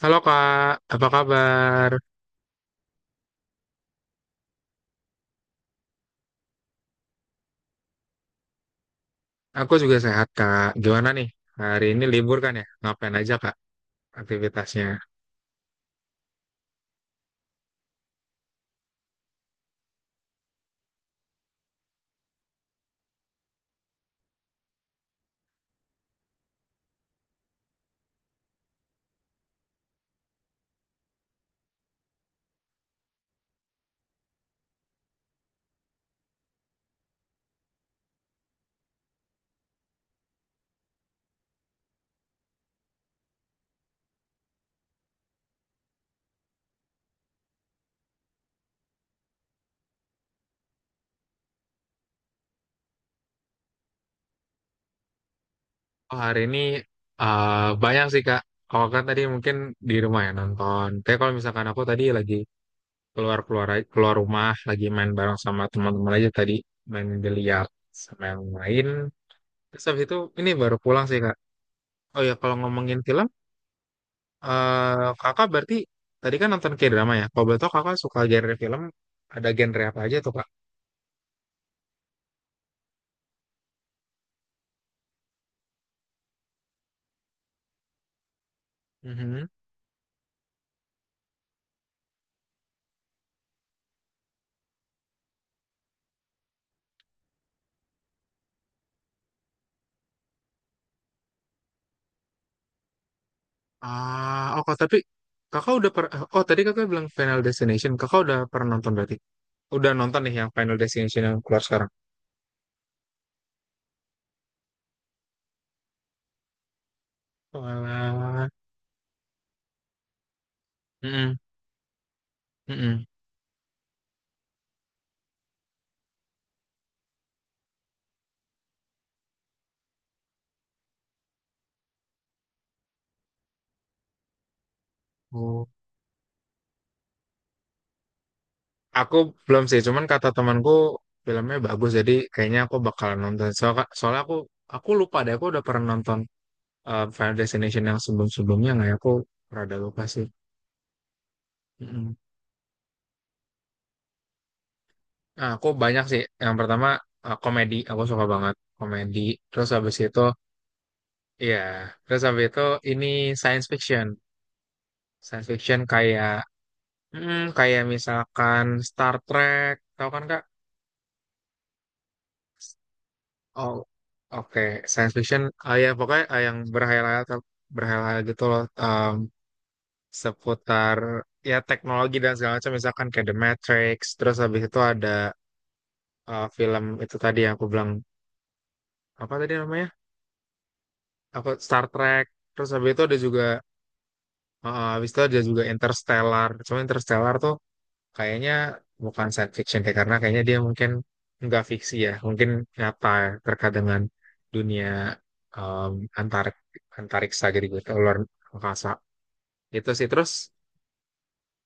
Halo Kak, apa kabar? Aku juga sehat Kak. Gimana nih? Hari ini libur kan ya? Ngapain aja Kak aktivitasnya? Oh, hari ini eh, banyak sih Kak. Kalau kan tadi mungkin di rumah ya nonton. Tapi kalau misalkan aku tadi lagi keluar-keluar keluar keluar rumah, lagi main bareng sama teman-teman aja tadi. Main biliar sama yang lain. Terus habis itu ini baru pulang sih Kak. Oh ya kalau ngomongin film, Kakak berarti tadi kan nonton K-drama ya? Kalau betul Kakak suka genre film, ada genre apa aja tuh Kak? Mhm. Ah, oh, tapi kakak oh tadi kakak bilang Final Destination, kakak udah pernah nonton berarti? Udah nonton nih yang Final Destination yang keluar sekarang? Walah. Mm-mm, mm-mm. Oh. Aku belum sih, cuman kata temanku filmnya bagus, jadi kayaknya aku bakalan nonton. Soalnya aku lupa deh, aku udah pernah nonton Final Destination yang sebelum-sebelumnya nggak ya? Aku rada lupa sih. Mm-mm. Nah, aku banyak sih. Yang pertama komedi, aku suka banget komedi. Terus habis itu. Iya, terus habis itu ini science fiction. Science fiction kayak kayak misalkan Star Trek, tahu kan Kak? Oh, oke, science fiction. Ah ya, pokoknya yang berhayal-hayal gitu loh, seputar ya teknologi dan segala macam misalkan kayak The Matrix, terus habis itu ada film itu tadi yang aku bilang apa tadi namanya? Apa Star Trek. Terus habis itu ada juga Interstellar. Cuma Interstellar tuh kayaknya bukan science fiction deh karena kayaknya dia mungkin nggak fiksi ya mungkin nyata terkait dengan dunia um, antarik antariksa gitu gitu luar angkasa itu sih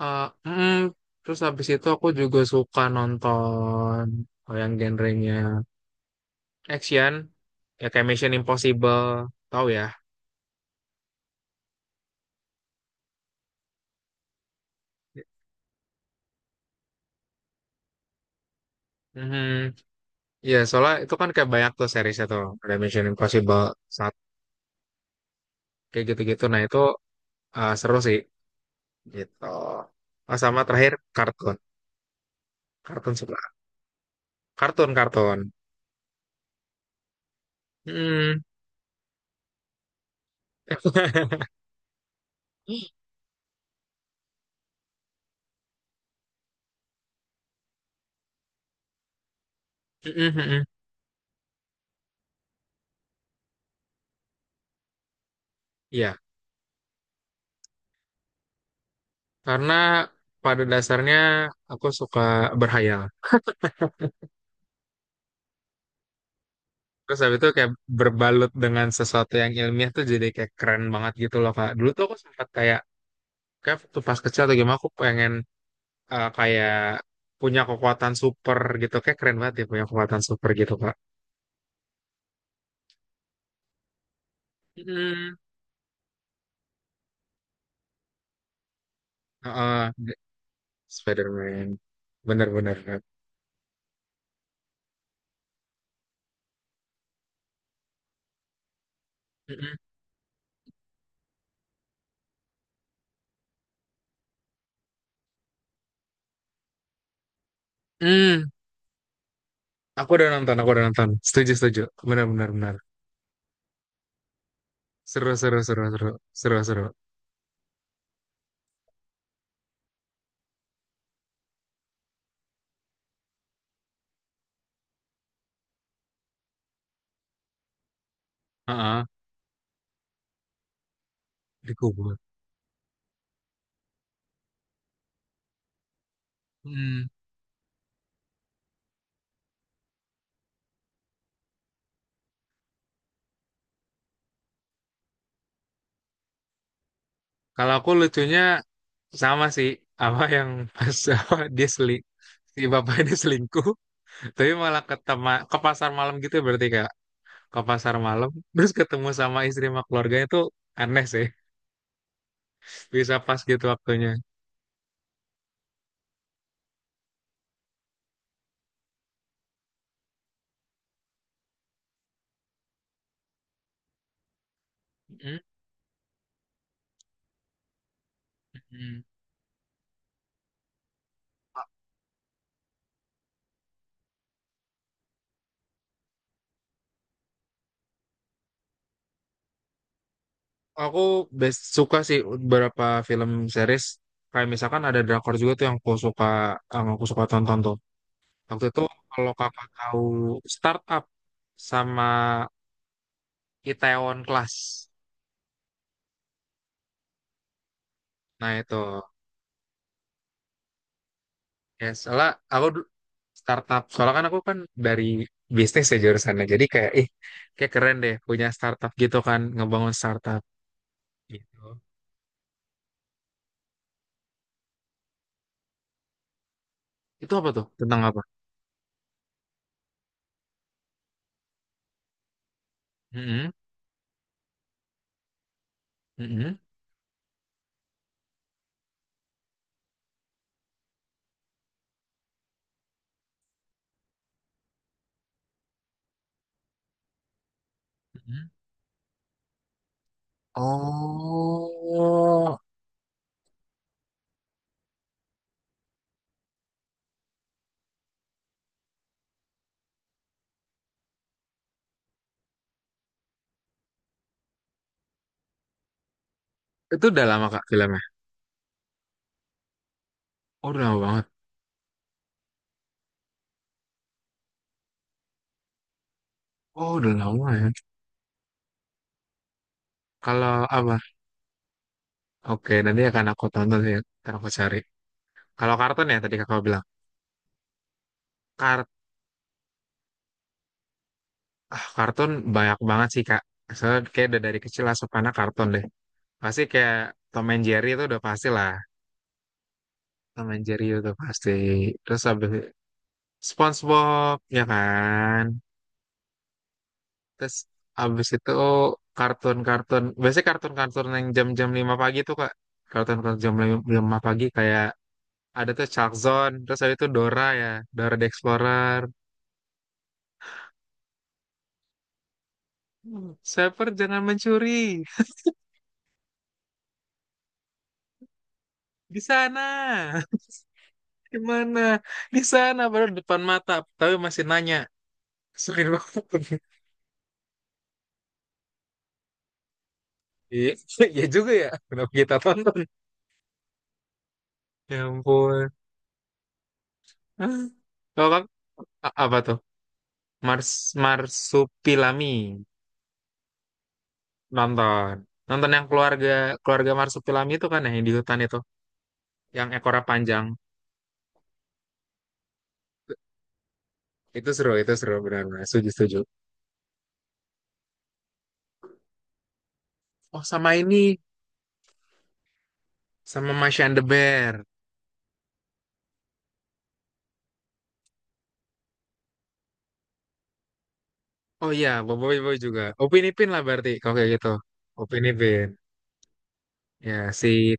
eh, mm, terus habis itu aku juga suka nonton oh, yang genrenya action ya kayak Mission Impossible tahu ya. Mhm. Iya, soalnya itu kan kayak banyak tuh seriesnya tuh. Ada Mission Impossible, satu kayak gitu-gitu. Nah, itu seru sih. Gitu. Oh, sama terakhir kartun, kartun sebelah, kartun kartun. Hmm. Mm, mm, mm. Iya, karena pada dasarnya aku suka berhayal. Terus habis itu kayak berbalut dengan sesuatu yang ilmiah tuh jadi kayak keren banget gitu loh Kak. Dulu tuh aku sempat kayak waktu pas kecil atau gimana aku pengen kayak punya kekuatan super gitu. Kayak keren banget ya punya kekuatan super gitu Kak. Mm. Heeh, Spider-Man. Bener-bener Kak. Hmm, aku udah nonton, aku udah nonton. Setuju, setuju. Benar, benar, benar. Seru, seru, seru, seru, seru, seru. Heeh, dikubur. Hmm. Kalau aku lucunya sama sih, apa yang pas, apa, si bapak ini selingkuh, tapi malah ke pasar malam gitu berarti kak, ke pasar malam, terus ketemu sama istri sama keluarganya tuh aneh sih, bisa pas gitu waktunya. Hmm. Aku best suka sih beberapa film series kayak misalkan ada drakor juga tuh yang aku suka tonton tuh. Waktu itu kalau kakak tahu Startup sama Itaewon Class. Nah itu ya soalnya aku du- startup soalnya kan aku kan dari bisnis ya jurusannya jadi kayak ih kayak keren deh punya startup gitu kan ngebangun startup gitu. Itu apa tuh? Tentang apa? Mm-mm, mm-mm, mm-mm. Oh, itu udah lama Kak filmnya? Oh udah lama banget. Oh udah lama ya. Kalau apa? Oke nanti akan aku tonton ya. Ntar aku cari. Kalau kartun ya tadi kakak bilang. Kar kartun banyak banget sih Kak. Soalnya kayak udah dari kecil asupannya kartun deh. Pasti kayak Tom and Jerry itu udah pasti lah. Tom and Jerry itu pasti. Terus abis SpongeBob ya kan. Terus abis itu kartun-kartun. Biasanya kartun-kartun yang jam-jam 5 pagi tuh Kak. Kartun-kartun jam 5 pagi kayak ada tuh Chuck Zone, terus ada itu Dora ya, Dora the Explorer. Hmm. Shepard jangan mencuri di sana. Gimana? Di sana baru depan mata, tapi masih nanya. Sering banget. Iya, iya juga ya. Kenapa kita tonton? Ya ampun. Hah? Kalau kan apa tuh? Mars Marsupilami nonton. Nonton yang keluarga keluarga Marsupilami itu kan ya, yang di hutan itu, yang ekornya panjang. Itu seru benar-benar. Setuju, setuju. Oh, sama ini, sama Masha and the Bear. Oh iya, Boboiboy Boy juga. Upin Ipin lah berarti, kalau kayak gitu. Upin Ipin. Ya, si,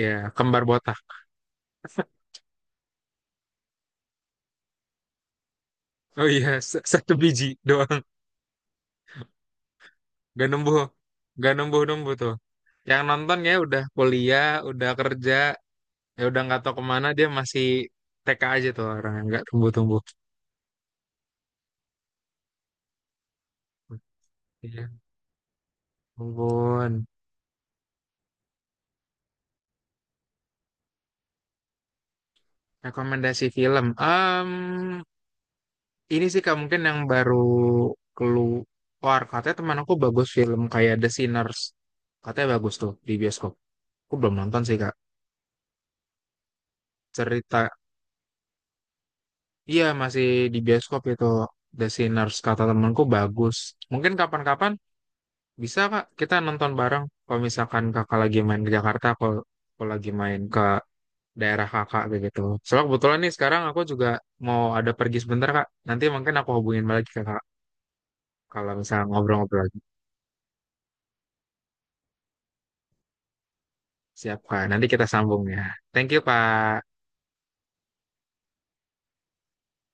ya, kembar botak. Oh iya, satu biji doang. Gak numbuh, gak numbuh-numbuh tuh. Yang nonton ya udah kuliah, udah kerja, ya udah nggak tahu kemana, dia masih TK aja tuh orang, nggak tumbuh-tumbuh. Iya, ampun. Rekomendasi film. Ini sih Kak mungkin yang baru keluar. Katanya teman aku bagus film kayak The Sinners. Katanya bagus tuh di bioskop. Aku belum nonton sih Kak. Cerita, iya masih di bioskop itu The Sinners. Kata temanku bagus. Mungkin kapan-kapan bisa Kak kita nonton bareng. Kalau misalkan Kakak lagi main ke Jakarta, kalau lagi main ke daerah Kakak kayak gitu. Soalnya kebetulan nih sekarang aku juga mau ada pergi sebentar Kak. Nanti mungkin aku hubungin balik ke Kakak kalau misalnya ngobrol-ngobrol. Siap, Pak. Nanti kita sambung ya. Thank you, Pak.